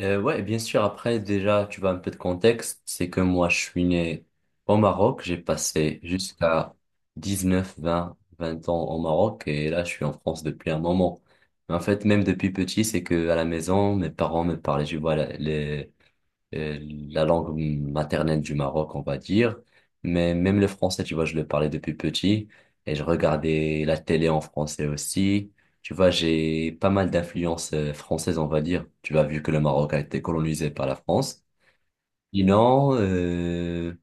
Ouais, bien sûr. Après, déjà, tu vois un peu de contexte. C'est que moi, je suis né au Maroc. J'ai passé jusqu'à 19 vingt ans au Maroc. Et là, je suis en France depuis un moment. Mais en fait, même depuis petit, c'est que à la maison, mes parents me parlaient, je vois, euh, la langue maternelle du Maroc, on va dire. Mais même le français, tu vois, je le parlais depuis petit et je regardais la télé en français aussi. Tu vois, j'ai pas mal d'influences françaises, on va dire. Tu vois, vu que le Maroc a été colonisé par la France. Sinon, euh,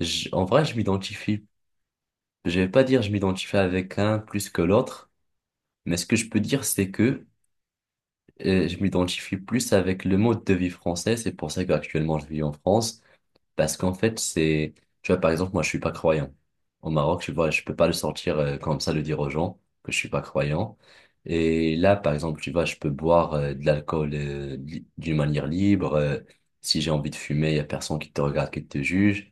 je- en vrai, je m'identifie. Je vais pas dire je m'identifie avec un plus que l'autre, mais ce que je peux dire, c'est que je m'identifie plus avec le mode de vie français. C'est pour ça qu'actuellement, je vis en France. Parce qu'en fait, c'est, tu vois, par exemple, moi, je suis pas croyant. Au Maroc, tu vois, je peux pas le sortir comme ça, le dire aux gens que je suis pas croyant. Et là, par exemple, tu vois, je peux boire de l'alcool d'une manière libre. Si j'ai envie de fumer, il y a personne qui te regarde, qui te juge.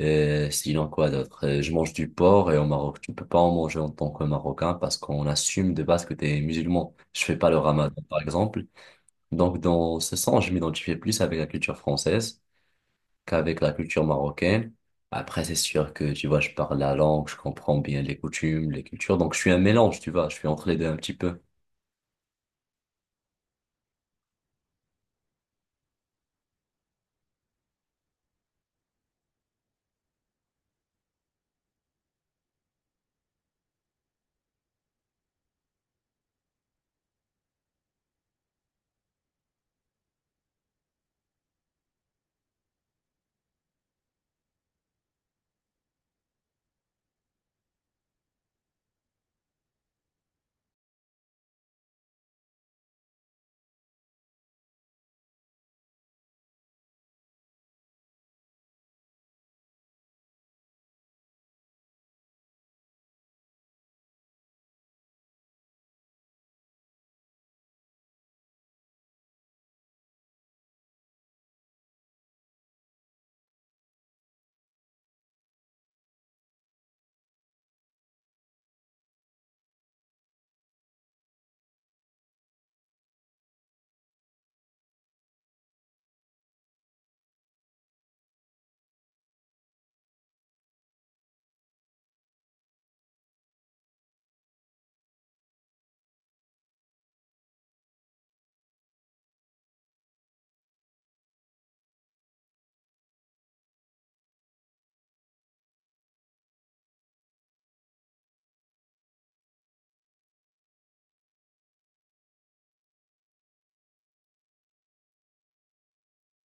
Sinon, quoi d'autre? Je mange du porc et au Maroc, tu peux pas en manger en tant que Marocain parce qu'on assume de base que tu es musulman. Je fais pas le ramadan, par exemple. Donc, dans ce sens, je m'identifie plus avec la culture française qu'avec la culture marocaine. Après, c'est sûr que, tu vois, je parle la langue, je comprends bien les coutumes, les cultures. Donc, je suis un mélange, tu vois, je suis entre les deux un petit peu.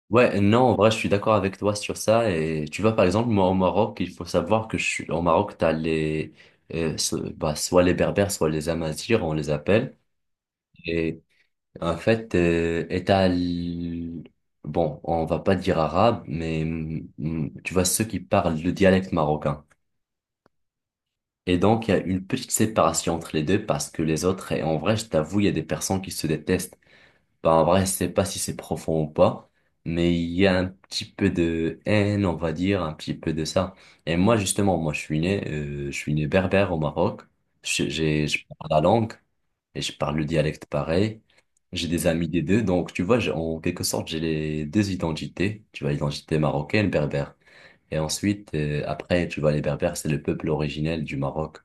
Ouais, non, en vrai, je suis d'accord avec toi sur ça. Et tu vois, par exemple, moi, au Maroc, il faut savoir que je suis, au Maroc, t'as soit les Berbères, soit les Amazighs, on les appelle. Et en fait, et t'as l- Bon, on va pas dire arabe, mais tu vois, ceux qui parlent le dialecte marocain. Et donc, il y a une petite séparation entre les deux parce que les autres, et en vrai, je t'avoue, il y a des personnes qui se détestent. Bah, en vrai, je sais pas si c'est profond ou pas, mais il y a un petit peu de haine, on va dire, un petit peu de ça. Et moi, justement, moi, je suis né berbère au Maroc. Je parle la langue et je parle le dialecte pareil. J'ai des amis des deux, donc tu vois, j'ai- En quelque sorte, j'ai les deux identités. Tu vois, l'identité marocaine, berbère. Et ensuite, après, tu vois, les berbères, c'est le peuple originel du Maroc.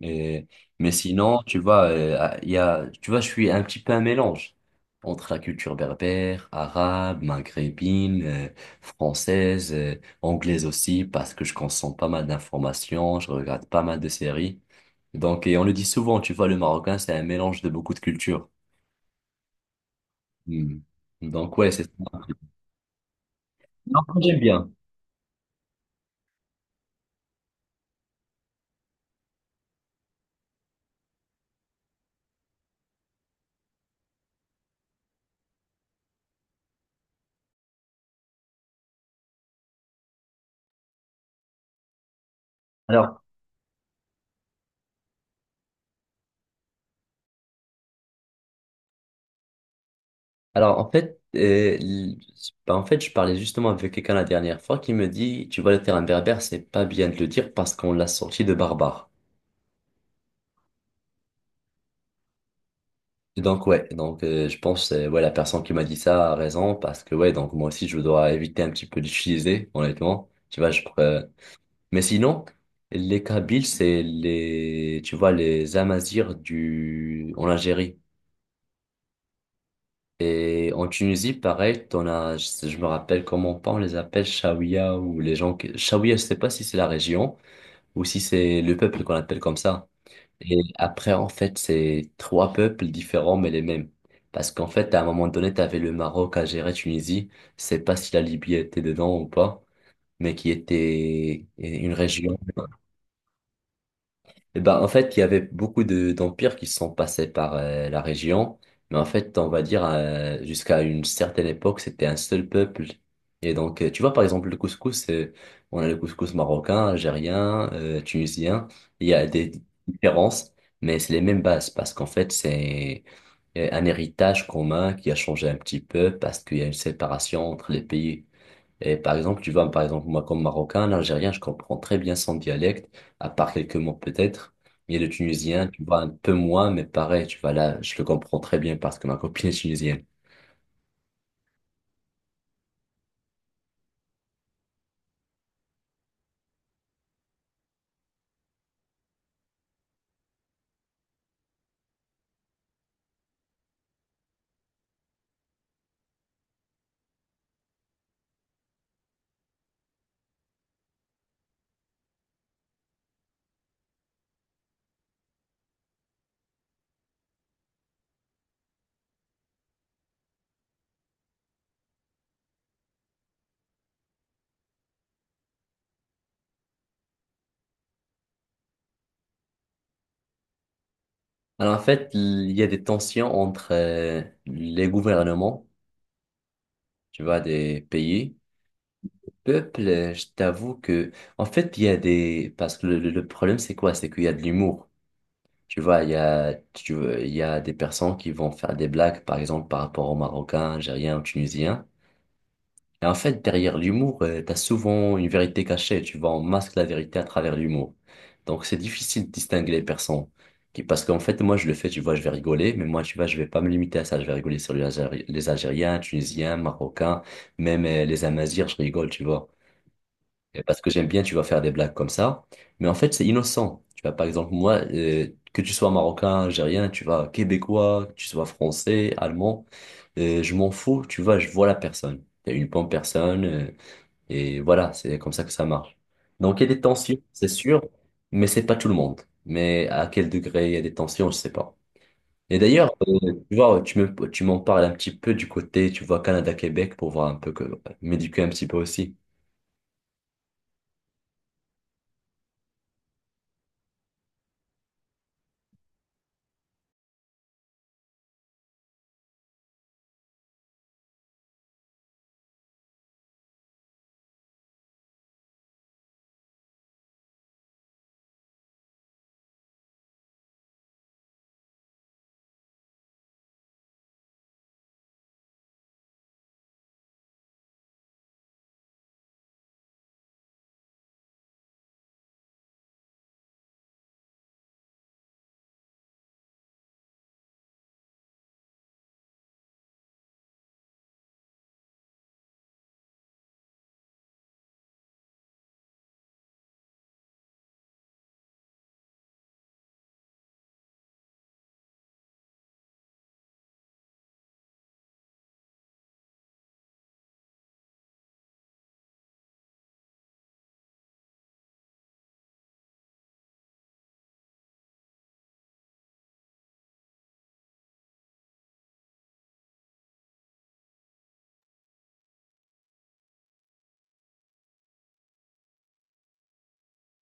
Et- mais sinon, tu vois, tu vois, je suis un petit peu un mélange entre la culture berbère, arabe, maghrébine, française, anglaise aussi, parce que je consomme pas mal d'informations, je regarde pas mal de séries. Donc, et on le dit souvent, tu vois, le marocain, c'est un mélange de beaucoup de cultures. Hmm. Donc, ouais, c'est ça. Non, j'aime bien. Alors, Alors, l- en fait, je parlais justement avec quelqu'un la dernière fois qui me dit, tu vois, le terme berbère, c'est pas bien de le dire parce qu'on l'a sorti de barbare. Donc, ouais, donc, je pense, ouais, la personne qui m'a dit ça a raison parce que, ouais, donc, moi aussi, je dois éviter un petit peu d'utiliser, honnêtement. Mais sinon, les Kabyles, c'est les, tu vois, les Amazirs du, en Algérie. Et en Tunisie, pareil, je me rappelle comment pas, on les appelle Chaouia ou les gens que, Chaouia, je sais pas si c'est la région ou si c'est le peuple qu'on appelle comme ça. Et après, en fait, c'est trois peuples différents mais les mêmes. Parce qu'en fait, à un moment donné, t'avais le Maroc à gérer Tunisie. Je sais pas si la Libye était dedans ou pas, mais qui était une région et ben, en fait, il y avait beaucoup d'empires qui sont passés par la région, mais en fait, on va dire, jusqu'à une certaine époque, c'était un seul peuple. Et donc, tu vois, par exemple, le couscous, on a le couscous marocain, algérien, tunisien, il y a des différences, mais c'est les mêmes bases, parce qu'en fait, c'est un héritage commun qui a changé un petit peu, parce qu'il y a une séparation entre les pays. Et par exemple, tu vois, par exemple, moi, comme Marocain, l'Algérien, je comprends très bien son dialecte, à part quelques mots peut-être. Et le Tunisien, tu vois, un peu moins, mais pareil, tu vois, là, je le comprends très bien parce que ma copine est tunisienne. Alors, en fait, il y a des tensions entre les gouvernements, tu vois, des pays. Peuple, je t'avoue que, en fait, il y a des, parce que le problème, c'est quoi? C'est qu'il y a de l'humour. Tu vois, il y a, tu, il y a des personnes qui vont faire des blagues, par exemple, par rapport aux Marocains, Algériens ou Tunisiens. Et en fait, derrière l'humour, t'as souvent une vérité cachée, tu vois, on masque la vérité à travers l'humour. Donc c'est difficile de distinguer les personnes. Parce qu'en fait, moi je le fais, tu vois, je vais rigoler, mais moi, tu vois, je vais pas me limiter à ça. Je vais rigoler sur les Algériens, Tunisiens, Marocains, même les Amazirs, je rigole, tu vois. Et parce que j'aime bien, tu vas faire des blagues comme ça. Mais en fait, c'est innocent. Tu vois, par exemple, moi, que tu sois marocain, algérien, tu vois, québécois, que tu sois français, allemand, je m'en fous. Tu vois, je vois la personne. T'es une bonne personne. Et voilà, c'est comme ça que ça marche. Donc, il y a des tensions, c'est sûr, mais c'est pas tout le monde. Mais à quel degré il y a des tensions, je sais pas. Et d'ailleurs, tu vois, tu m'en parles un petit peu du côté, tu vois, Canada-Québec pour voir un peu que, m'éduquer un petit peu aussi.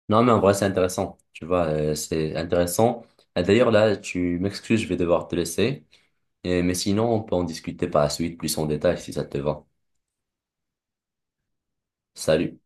Non, mais en vrai, c'est intéressant. Tu vois, c'est intéressant. Et d'ailleurs, là, tu m'excuses, je vais devoir te laisser. Mais sinon, on peut en discuter par la suite plus en détail si ça te va. Salut.